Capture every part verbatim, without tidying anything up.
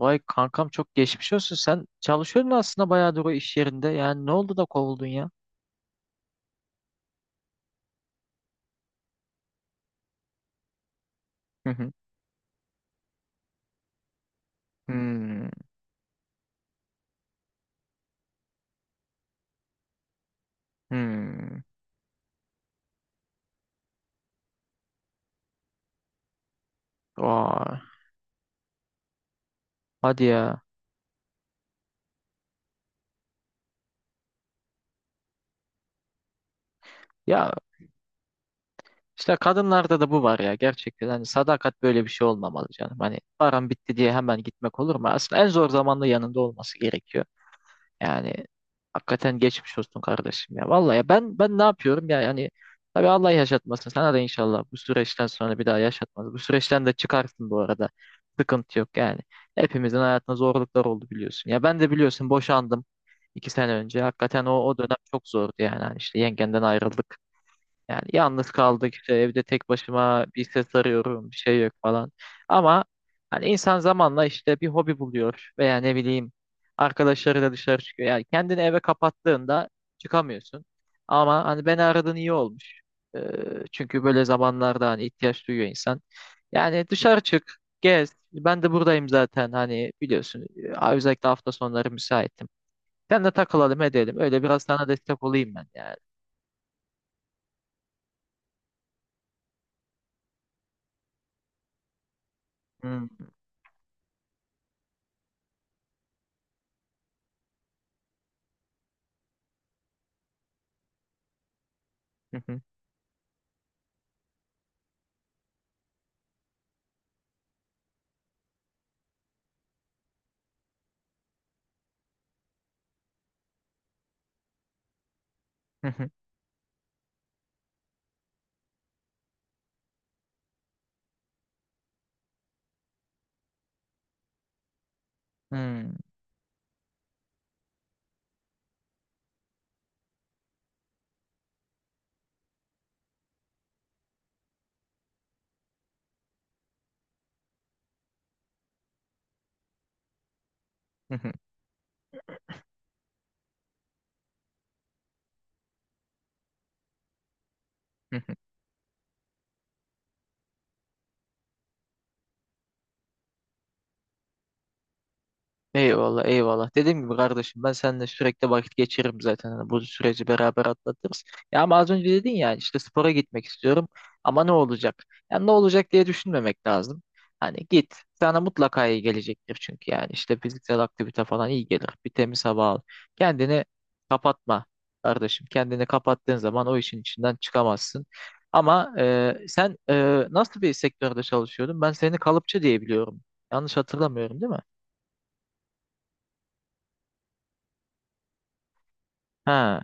Vay kankam çok geçmiş olsun. Sen çalışıyordun aslında bayağıdır o iş yerinde. Yani ne oldu da kovuldun ya? Hı hı. Hmm, hmm. Vay, hadi ya. Ya işte kadınlarda da bu var ya gerçekten. Hani sadakat böyle bir şey olmamalı canım. Hani param bitti diye hemen gitmek olur mu? Aslında en zor zamanda yanında olması gerekiyor. Yani hakikaten geçmiş olsun kardeşim ya. Vallahi ya ben ben ne yapıyorum ya yani tabii Allah yaşatmasın. Sana da inşallah bu süreçten sonra bir daha yaşatmaz. Bu süreçten de çıkarsın bu arada. Sıkıntı yok yani. Hepimizin hayatında zorluklar oldu biliyorsun. Ya ben de biliyorsun boşandım iki sene önce. Hakikaten o, o dönem çok zordu yani. Hani işte yengenden ayrıldık. Yani yalnız kaldık işte evde tek başıma bir ses arıyorum bir şey yok falan. Ama hani insan zamanla işte bir hobi buluyor veya ne bileyim arkadaşlarıyla dışarı çıkıyor. Yani kendini eve kapattığında çıkamıyorsun. Ama hani beni aradığın iyi olmuş. Ee, Çünkü böyle zamanlarda hani ihtiyaç duyuyor insan. Yani dışarı çık, gez. Ben de buradayım zaten hani biliyorsun. Ee, Özellikle hafta sonları müsaitim. Sen de takılalım edelim. Öyle biraz sana destek olayım ben yani. Hmm. Hmm, Hı hı. Hı hı. Eyvallah eyvallah. Dediğim gibi kardeşim ben seninle sürekli vakit geçiririm zaten. Hani bu süreci beraber atlatırız. Ya ama az önce dedin ya işte spora gitmek istiyorum ama ne olacak? Yani ne olacak diye düşünmemek lazım. Hani git sana mutlaka iyi gelecektir çünkü yani işte fiziksel aktivite falan iyi gelir. Bir temiz hava al. Kendini kapatma kardeşim. Kendini kapattığın zaman o işin içinden çıkamazsın. Ama e, sen e, nasıl bir sektörde çalışıyordun? Ben seni kalıpçı diye biliyorum. Yanlış hatırlamıyorum değil mi? Ha.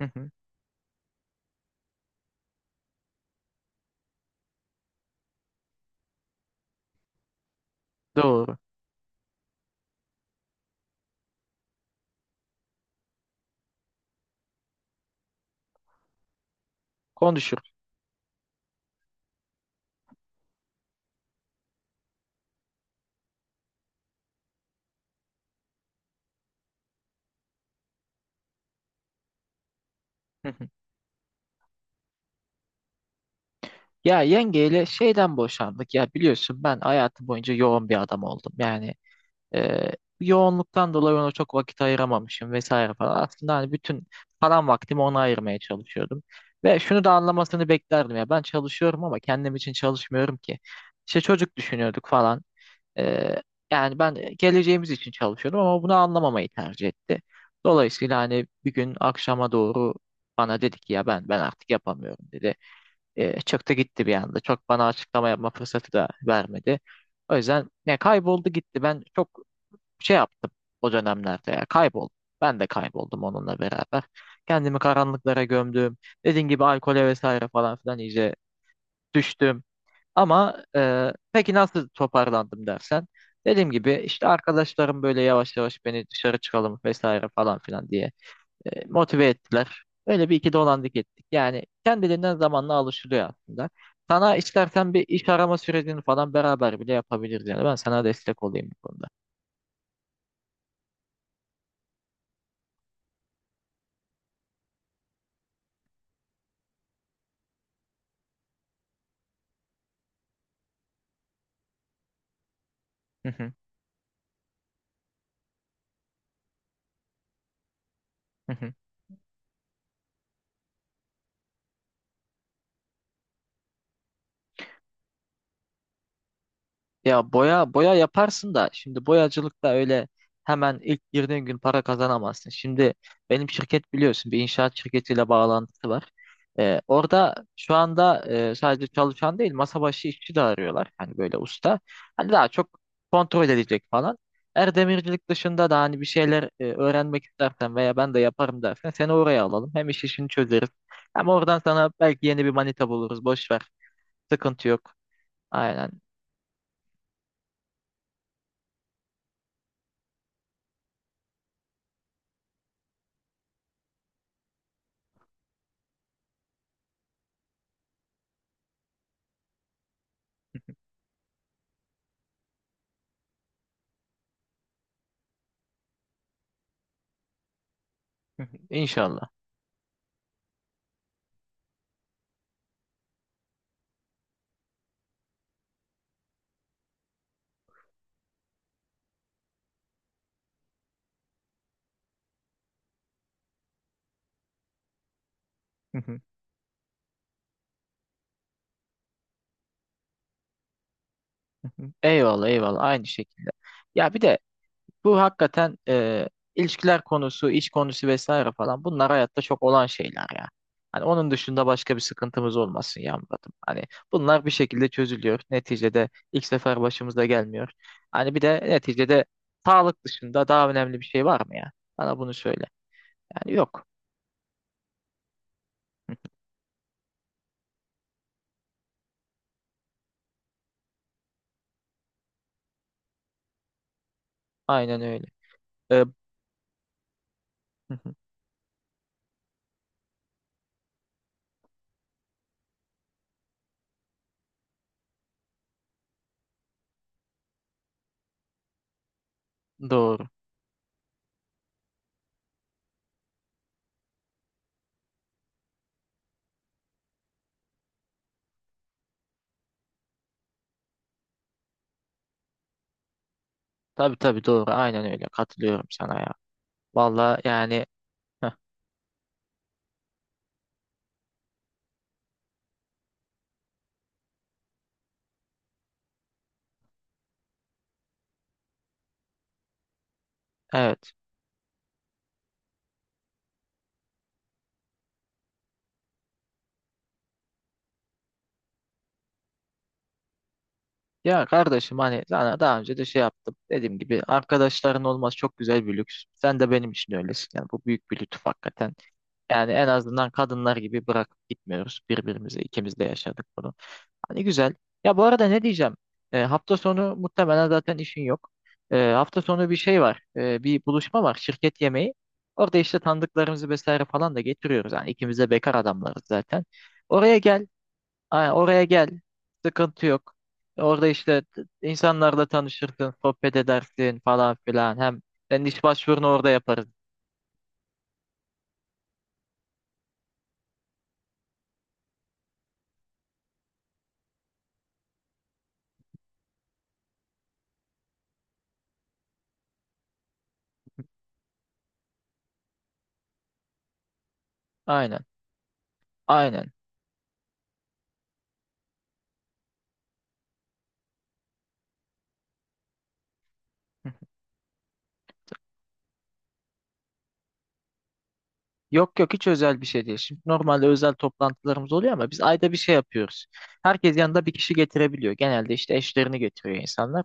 Hı hı, doğru. Konuşurum. Hı hı. Ya yengeyle şeyden boşandık. Ya biliyorsun ben hayatım boyunca yoğun bir adam oldum. Yani e, yoğunluktan dolayı ona çok vakit ayıramamışım vesaire falan. Aslında hani bütün falan vaktimi ona ayırmaya çalışıyordum. Ve şunu da anlamasını beklerdim ya. Ben çalışıyorum ama kendim için çalışmıyorum ki. İşte çocuk düşünüyorduk falan. Ee, Yani ben geleceğimiz için çalışıyordum ama bunu anlamamayı tercih etti. Dolayısıyla hani bir gün akşama doğru bana dedi ki ya ben ben artık yapamıyorum dedi. Ee, çıktı gitti bir anda. Çok bana açıklama yapma fırsatı da vermedi. O yüzden ne kayboldu gitti. Ben çok şey yaptım o dönemlerde ya kayboldum. Ben de kayboldum onunla beraber. Kendimi karanlıklara gömdüm. Dediğim gibi alkole vesaire falan filan iyice düştüm. Ama e, peki nasıl toparlandım dersen. Dediğim gibi işte arkadaşlarım böyle yavaş yavaş beni dışarı çıkalım vesaire falan filan diye e, motive ettiler. Öyle bir iki dolandık ettik. Yani kendiliğinden zamanla alışılıyor aslında. Sana istersen bir iş arama sürecini falan beraber bile yapabiliriz yani. Ben sana destek olayım bu konuda. Hı hı. hı hı. Ya boya boya yaparsın da şimdi boyacılıkta öyle hemen ilk girdiğin gün para kazanamazsın. Şimdi benim şirket biliyorsun bir inşaat şirketiyle bağlantısı var. Ee, orada şu anda e, sadece çalışan değil masa başı işçi de arıyorlar. Hani böyle usta. Hani daha çok kontrol edecek falan. Eğer demircilik dışında da hani bir şeyler e, öğrenmek istersen veya ben de yaparım dersen seni oraya alalım. Hem iş işini çözeriz. Hem oradan sana belki yeni bir manita buluruz. Boş ver. Sıkıntı yok. Aynen. İnşallah. Eyvallah eyvallah aynı şekilde. Ya bir de bu hakikaten e, ilişkiler konusu, iş konusu vesaire falan bunlar hayatta çok olan şeyler ya. Hani onun dışında başka bir sıkıntımız olmasın ya Murat'ım. Hani bunlar bir şekilde çözülüyor. Neticede ilk sefer başımıza gelmiyor. Hani bir de neticede sağlık dışında daha önemli bir şey var mı ya? Bana bunu söyle. Yani yok. Aynen öyle. E, hı hı, doğru. Tabii tabii doğru. Aynen öyle. Katılıyorum sana ya. Vallahi yani heh, evet. Ya kardeşim hani sana daha önce de şey yaptım. Dediğim gibi arkadaşların olması çok güzel bir lüks. Sen de benim için öylesin. Yani bu büyük bir lütuf hakikaten. Yani en azından kadınlar gibi bırakıp gitmiyoruz birbirimizi. İkimiz de yaşadık bunu. Hani güzel. Ya bu arada ne diyeceğim? E, hafta sonu muhtemelen zaten işin yok. E, hafta sonu bir şey var. E, bir buluşma var. Şirket yemeği. Orada işte tanıdıklarımızı vesaire falan da getiriyoruz. Yani ikimiz de bekar adamlarız zaten. Oraya gel. Aynen, oraya gel. Sıkıntı yok. Orada işte t- insanlarla tanışırsın, sohbet edersin falan filan. Hem senin iş başvurunu orada yaparız. Aynen. Aynen. Yok yok hiç özel bir şey değil. Şimdi normalde özel toplantılarımız oluyor ama biz ayda bir şey yapıyoruz. Herkes yanında bir kişi getirebiliyor. Genelde işte eşlerini getiriyor insanlar.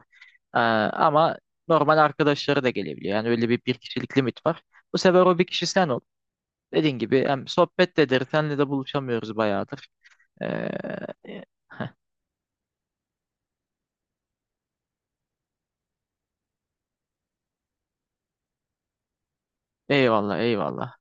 Ee, ama normal arkadaşları da gelebiliyor. Yani öyle bir bir kişilik limit var. Bu sefer o bir kişi sen ol. Dediğin gibi hem sohbet de ederiz. Senle de buluşamıyoruz bayağıdır. Ee, Eyvallah eyvallah.